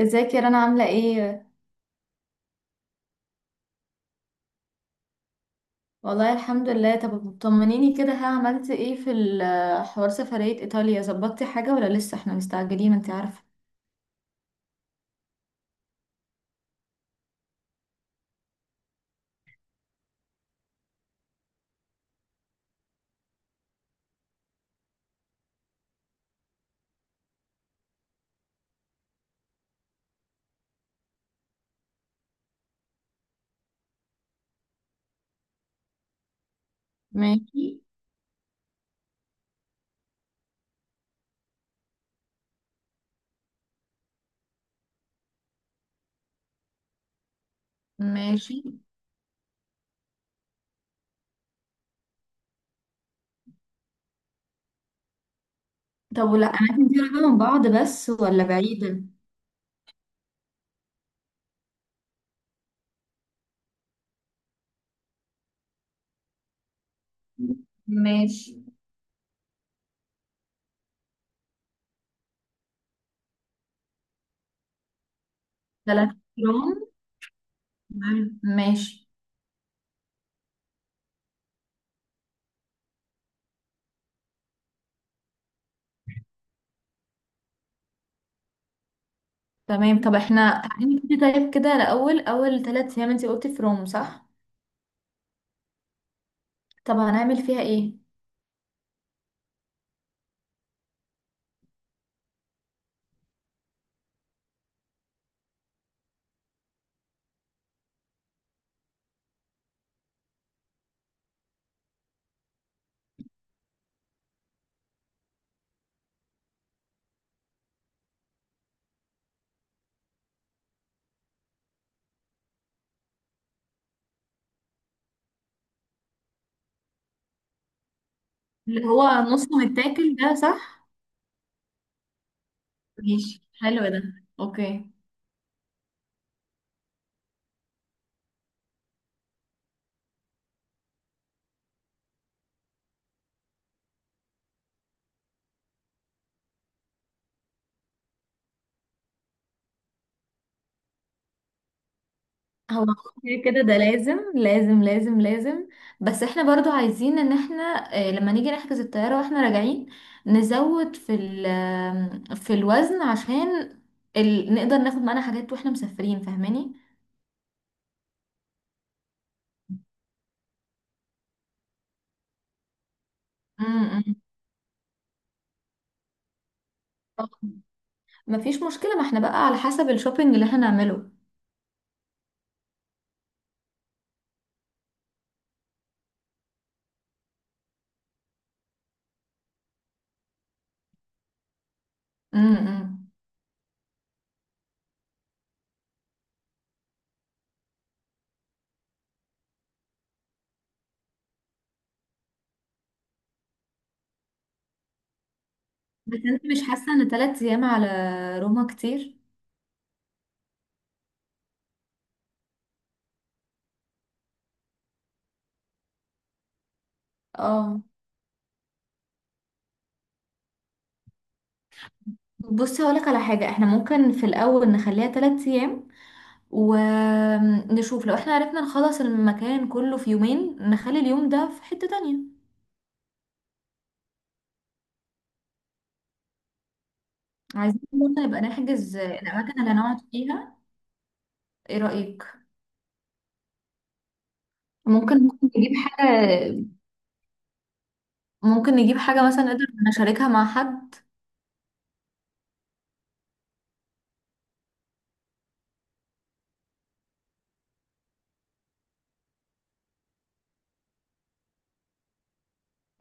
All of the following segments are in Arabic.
ازيك يا رنا، عاملة ايه؟ والله الحمد لله. طب طمنيني كده، ها عملت ايه في حوار سفرية ايطاليا؟ ظبطتي حاجة ولا لسه؟ احنا مستعجلين انت عارفة. ماشي. ماشي. طب، ولا اماكن دي قريبة من بعض بس، ولا بعيدة؟ ماشي. 3 ايام. تمام. ماشي. تمام. طب احنا تعالي كده، طيب، كده أول 3 أيام انت قلتي في روم صح؟ طب هنعمل فيها ايه؟ اللي هو نص متاكل ده صح؟ ماشي، حلو ده. اوكي. هو كده كده ده لازم لازم لازم لازم. بس احنا برضو عايزين ان احنا لما نيجي نحجز الطيارة واحنا راجعين نزود في الوزن عشان نقدر ناخد معانا حاجات واحنا مسافرين فاهماني. امم. مفيش مشكلة، ما احنا بقى على حسب الشوبينج اللي احنا نعمله. امم. بس انت مش حاسة ان 3 ايام على روما كتير؟ اه، بصي هقولك على حاجة. احنا ممكن في الاول نخليها 3 ايام، ونشوف لو احنا عرفنا نخلص المكان كله في يومين نخلي اليوم ده في حتة تانية. عايزين برضه نبقى نحجز الأماكن اللي هنقعد فيها. ايه رأيك؟ ممكن نجيب حاجة. ممكن نجيب حاجة مثلا نقدر نشاركها مع حد.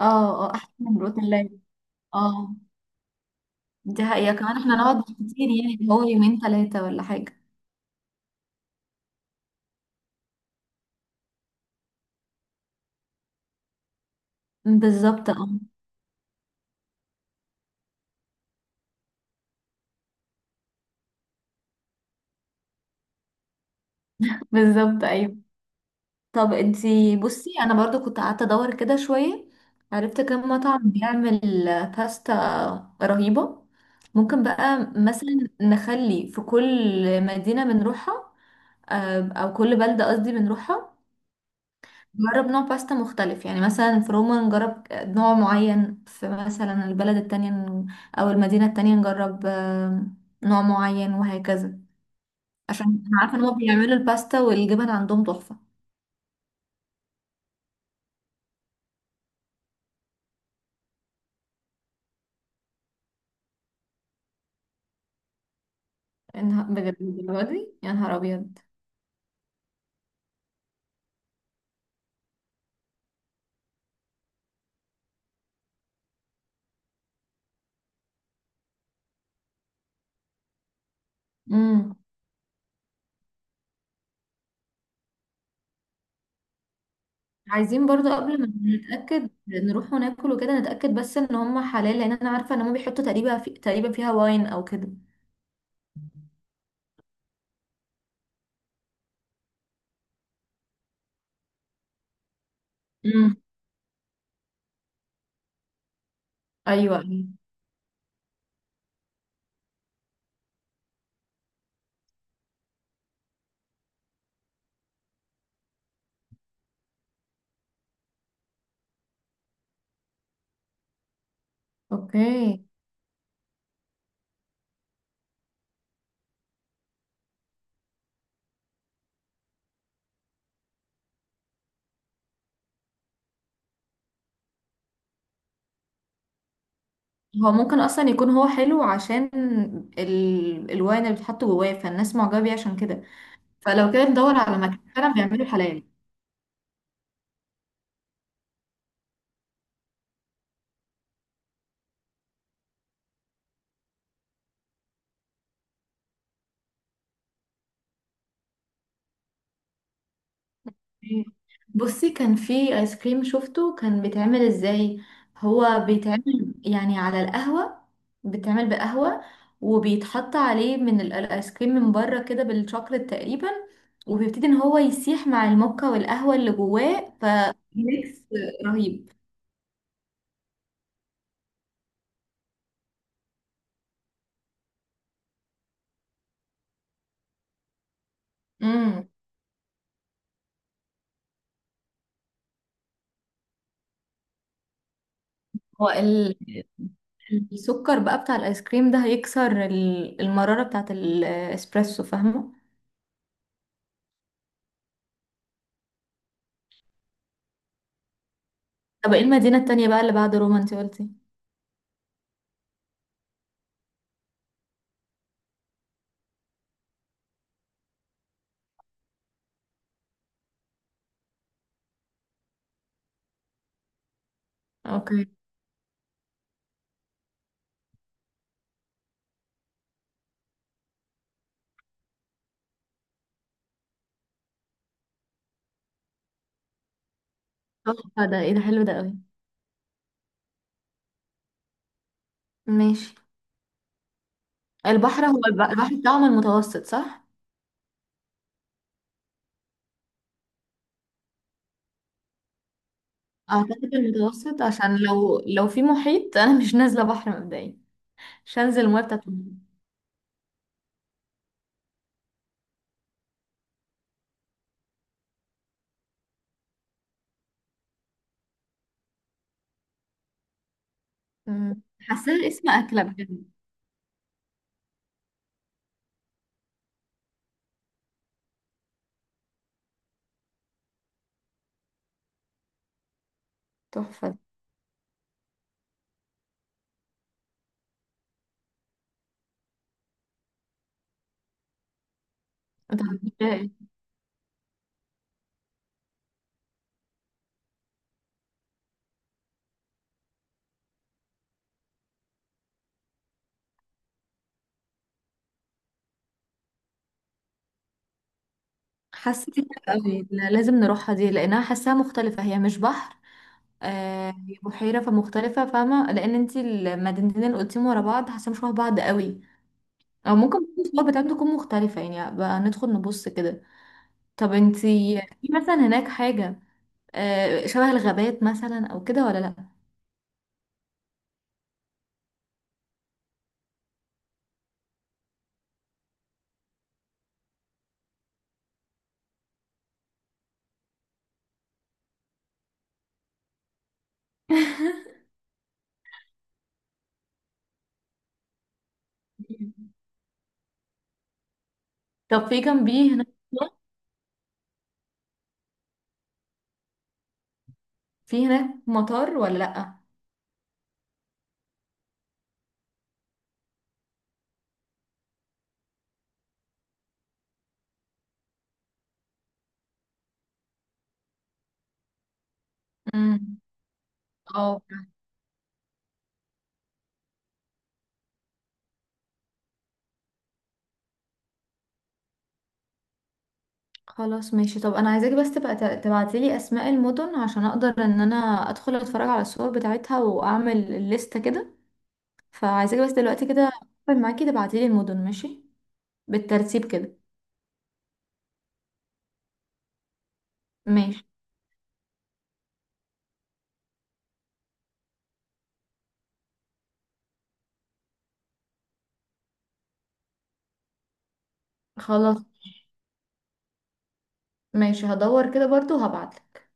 اه، اه، أحسن من الأوتيلات. اه. دي حقيقة، كمان احنا نقعد كتير يعني، اللي هو يومين 3 ولا حاجة. بالظبط، اه. بالظبط، أيوة. طب انتي بصي، انا برضو كنت قعدت ادور كده شوية. عرفت كم مطعم بيعمل باستا رهيبة. ممكن بقى مثلا نخلي في كل مدينة بنروحها، او كل بلدة قصدي بنروحها، نجرب نوع باستا مختلف يعني، مثلا في روما نجرب نوع معين، في مثلا البلد التانية او المدينة التانية نجرب نوع معين وهكذا. عشان انا عارفة ان هما بيعملوا الباستا والجبن عندهم تحفة. بجد الدرجة دي؟ يا نهار ابيض. امم. عايزين برضو قبل ما نتأكد نروح وناكل وكده، نتأكد بس ان هم حلال، لان انا عارفة ان هم بيحطوا تقريبا فيها واين او كده. امم. ايوه، أيوة. اوكي. هو ممكن اصلا يكون هو حلو عشان الواين اللي بيتحط جواه، فالناس معجبة بيه عشان كده. فلو كده ندور على مكان فعلا بيعملوا حلال. بصي، كان في ايس كريم شفته كان بيتعمل ازاي. هو بيتعمل يعني على القهوة، بيتعمل بقهوة، وبيتحط عليه من الايس كريم من بره كده بالشوكليت تقريبا. وبيبتدي ان هو يسيح مع الموكا والقهوة اللي جواه فميكس. رهيب. امم. هو السكر بقى بتاع الايس كريم ده هيكسر المرارة بتاعت الاسبريسو فاهمة. طب، ايه المدينة التانية بقى اللي بعد روما انت قلتي؟ اوكي. تحفة ده، ايه ده، حلو ده قوي. ماشي. البحر، هو البحر بتاعهم المتوسط صح؟ اعتقد المتوسط، عشان لو في محيط انا مش نازلة بحر مبدئيا. مش هنزل المية بتاعت المحيط. أمم. حاساها اسم أكلة بجد. تحفة. طب، إيه؟ حاسة دي حلوة قوي. لا، لازم نروحها دي لأنها حاساها مختلفة، هي مش بحر. هي بحيرة فمختلفة فاهمة، لأن انتي المدينتين اللي قلتيهم ورا بعض حاساها مش شبه بعض قوي. أو ممكن الصور بتاعتهم تكون مختلفة يعني، بقى ندخل نبص كده. طب انتي، في مثلا هناك حاجة شبه الغابات مثلا او كده ولا لا؟ مم. طب، في جنبيه هناك، في هناك مطار ولا لا؟ امم. اه. خلاص ماشي. طب انا عايزاكي بس تبقى تبعتي لي اسماء المدن، عشان اقدر ان انا ادخل اتفرج على الصور بتاعتها واعمل الليستة كده. فعايزاكي بس دلوقتي كده اقفل معاكي تبعتي لي المدن، ماشي؟ بالترتيب كده. ماشي، خلاص. ماشي هدور كده برضو وهبعتلك.